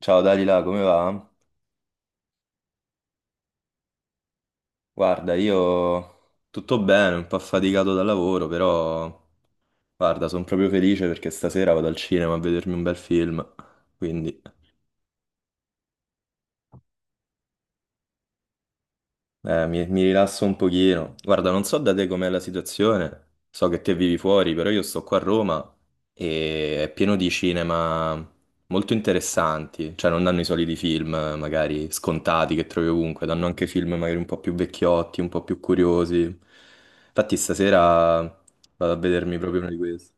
Ciao Dalila, come va? Guarda, io tutto bene, un po' affaticato dal lavoro, però guarda, sono proprio felice perché stasera vado al cinema a vedermi un bel film, quindi mi rilasso un pochino. Guarda, non so da te com'è la situazione, so che te vivi fuori, però io sto qua a Roma e è pieno di cinema molto interessanti, cioè non danno i soliti film magari scontati che trovi ovunque, danno anche film magari un po' più vecchiotti, un po' più curiosi. Infatti stasera vado a vedermi proprio uno di questi.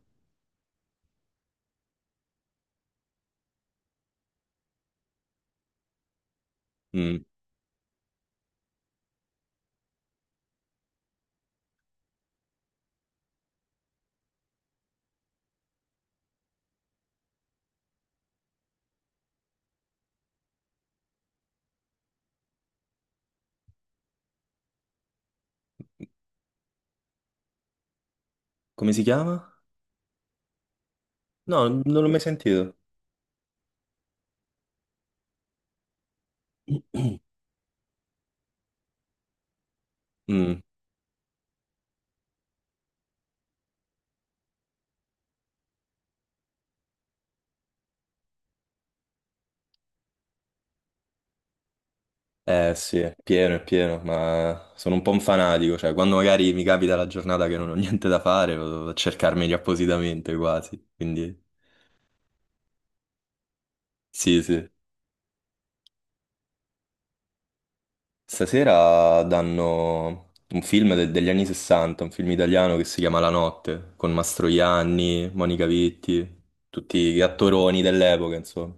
Mm. Come si chiama? No, non l'ho mai sentito. Mm. Eh sì, è pieno, ma sono un po' un fanatico, cioè quando magari mi capita la giornata che non ho niente da fare, vado a cercarmeli appositamente quasi, quindi sì, sì. Stasera danno un film de- degli anni 60, un film italiano che si chiama La Notte, con Mastroianni, Monica Vitti, tutti gli attoroni dell'epoca, insomma.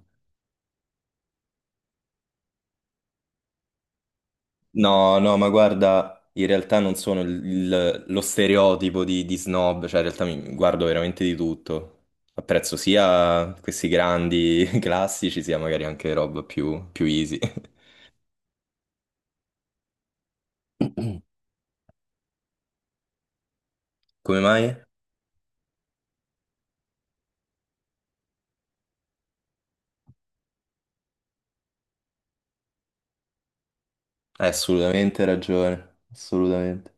No, no, ma guarda, in realtà non sono lo stereotipo di snob, cioè in realtà mi guardo veramente di tutto. Apprezzo sia questi grandi classici, sia magari anche roba più, più easy. Come mai? Hai assolutamente ragione, assolutamente.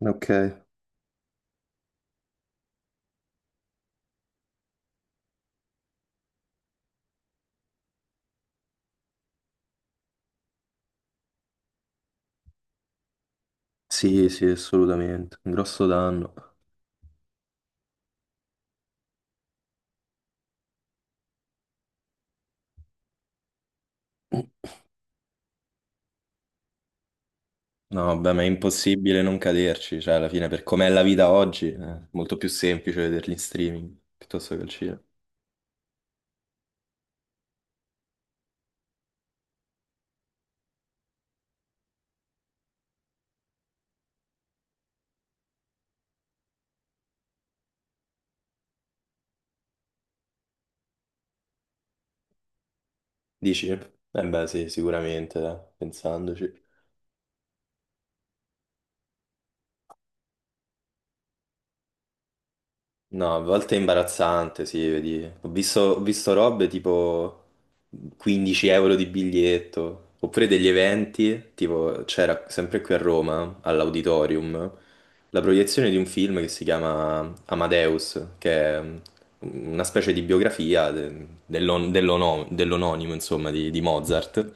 Ok, sì, sì, assolutamente, un grosso danno. No, vabbè, ma è impossibile non caderci, cioè alla fine per com'è la vita oggi è molto più semplice vederli in streaming piuttosto che al cinema. Dici? Eh beh, sì, sicuramente, dai, pensandoci. No, a volte è imbarazzante, sì, vedi. Ho visto robe tipo 15 euro di biglietto, oppure degli eventi, tipo c'era sempre qui a Roma, all'Auditorium, la proiezione di un film che si chiama Amadeus, che è una specie di biografia de- dell'ononimo, insomma, di Mozart.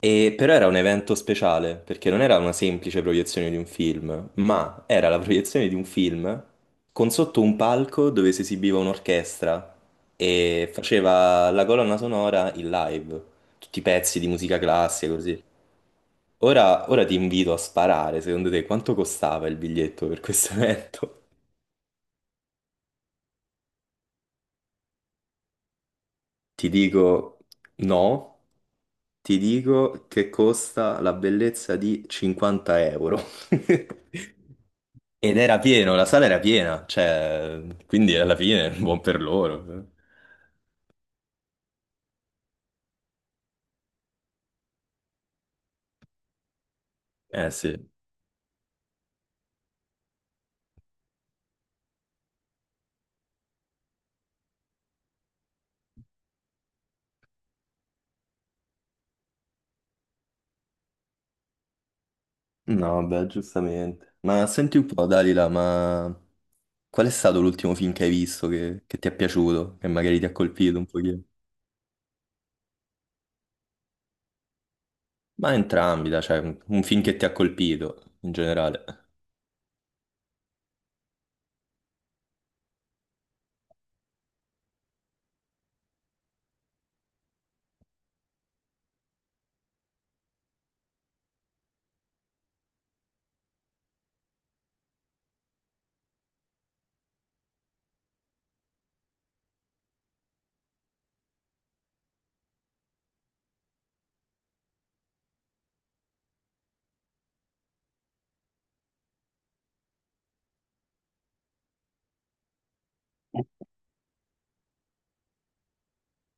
E però era un evento speciale, perché non era una semplice proiezione di un film, ma era la proiezione di un film con sotto un palco dove si esibiva un'orchestra e faceva la colonna sonora in live, tutti i pezzi di musica classica così. Ora ti invito a sparare, secondo te quanto costava il biglietto per questo evento? Ti dico no, ti dico che costa la bellezza di 50 euro. Ed era pieno, la sala era piena, cioè, quindi alla fine buon per loro. Eh sì. No, beh, giustamente. Ma senti un po', Dalila, ma qual è stato l'ultimo film che hai visto che ti è piaciuto, che magari ti ha colpito un pochino? Ma entrambi, dai, cioè un film che ti ha colpito in generale.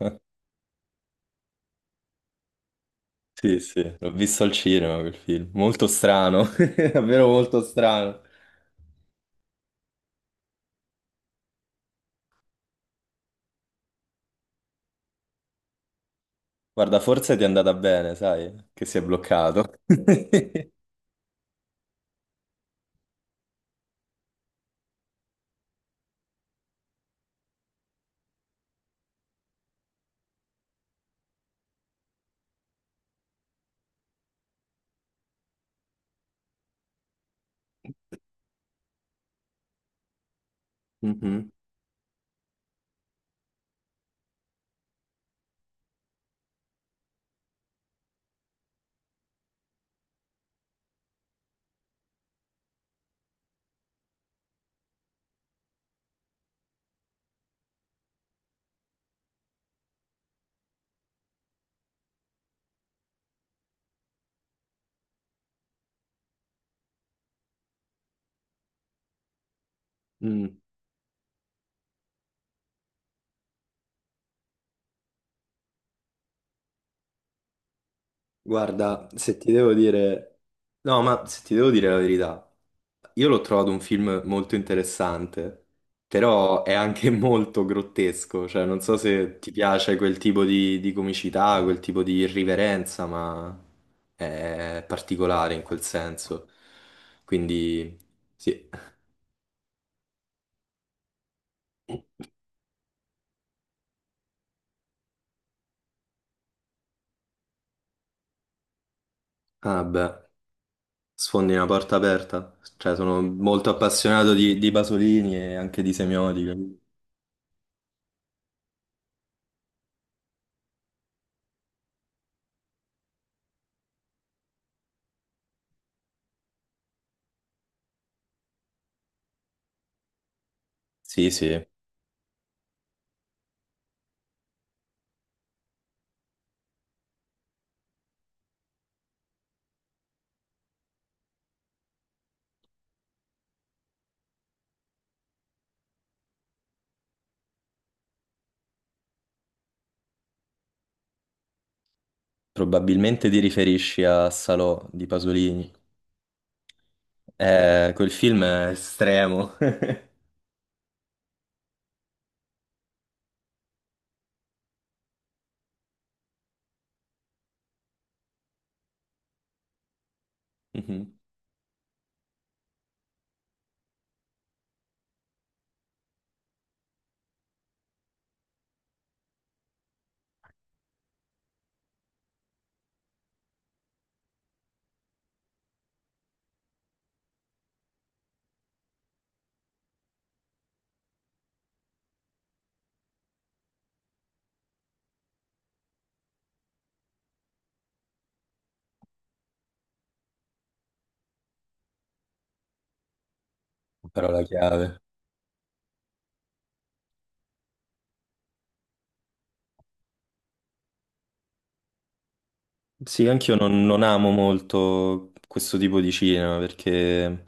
Sì, sì, l'ho visto al cinema quel film. Molto strano, davvero molto strano. Guarda, forse ti è andata bene, sai, che si è bloccato. Mhm. Mm. Guarda, se ti devo dire... No, ma se ti devo dire la verità, io l'ho trovato un film molto interessante, però è anche molto grottesco, cioè non so se ti piace quel tipo di comicità, quel tipo di irriverenza, ma è particolare in quel senso. Quindi, sì. Ah beh, sfondi una porta aperta. Cioè, sono molto appassionato di Pasolini e anche di Semiotica. Sì, sì. Probabilmente ti riferisci a Salò di Pasolini. Quel film è estremo. Mhm. Parola chiave. Sì, anch'io non amo molto questo tipo di cinema perché,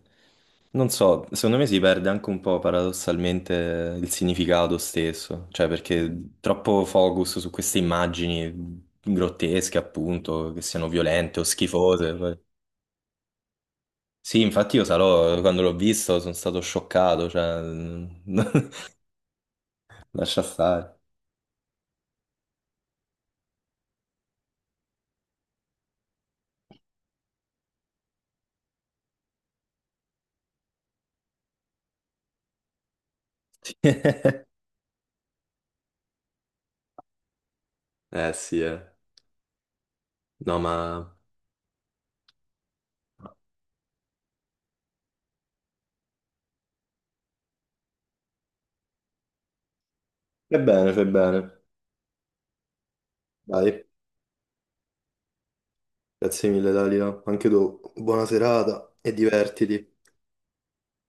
non so, secondo me si perde anche un po' paradossalmente il significato stesso, cioè perché troppo focus su queste immagini grottesche, appunto, che siano violente o schifose. Poi- Sì, infatti io Salò, quando l'ho visto, sono stato scioccato, cioè... lascia stare. Eh sì, eh. No, ma... Fai bene, fai bene. Dai, grazie mille, Dalila. Anche tu, buona serata e divertiti.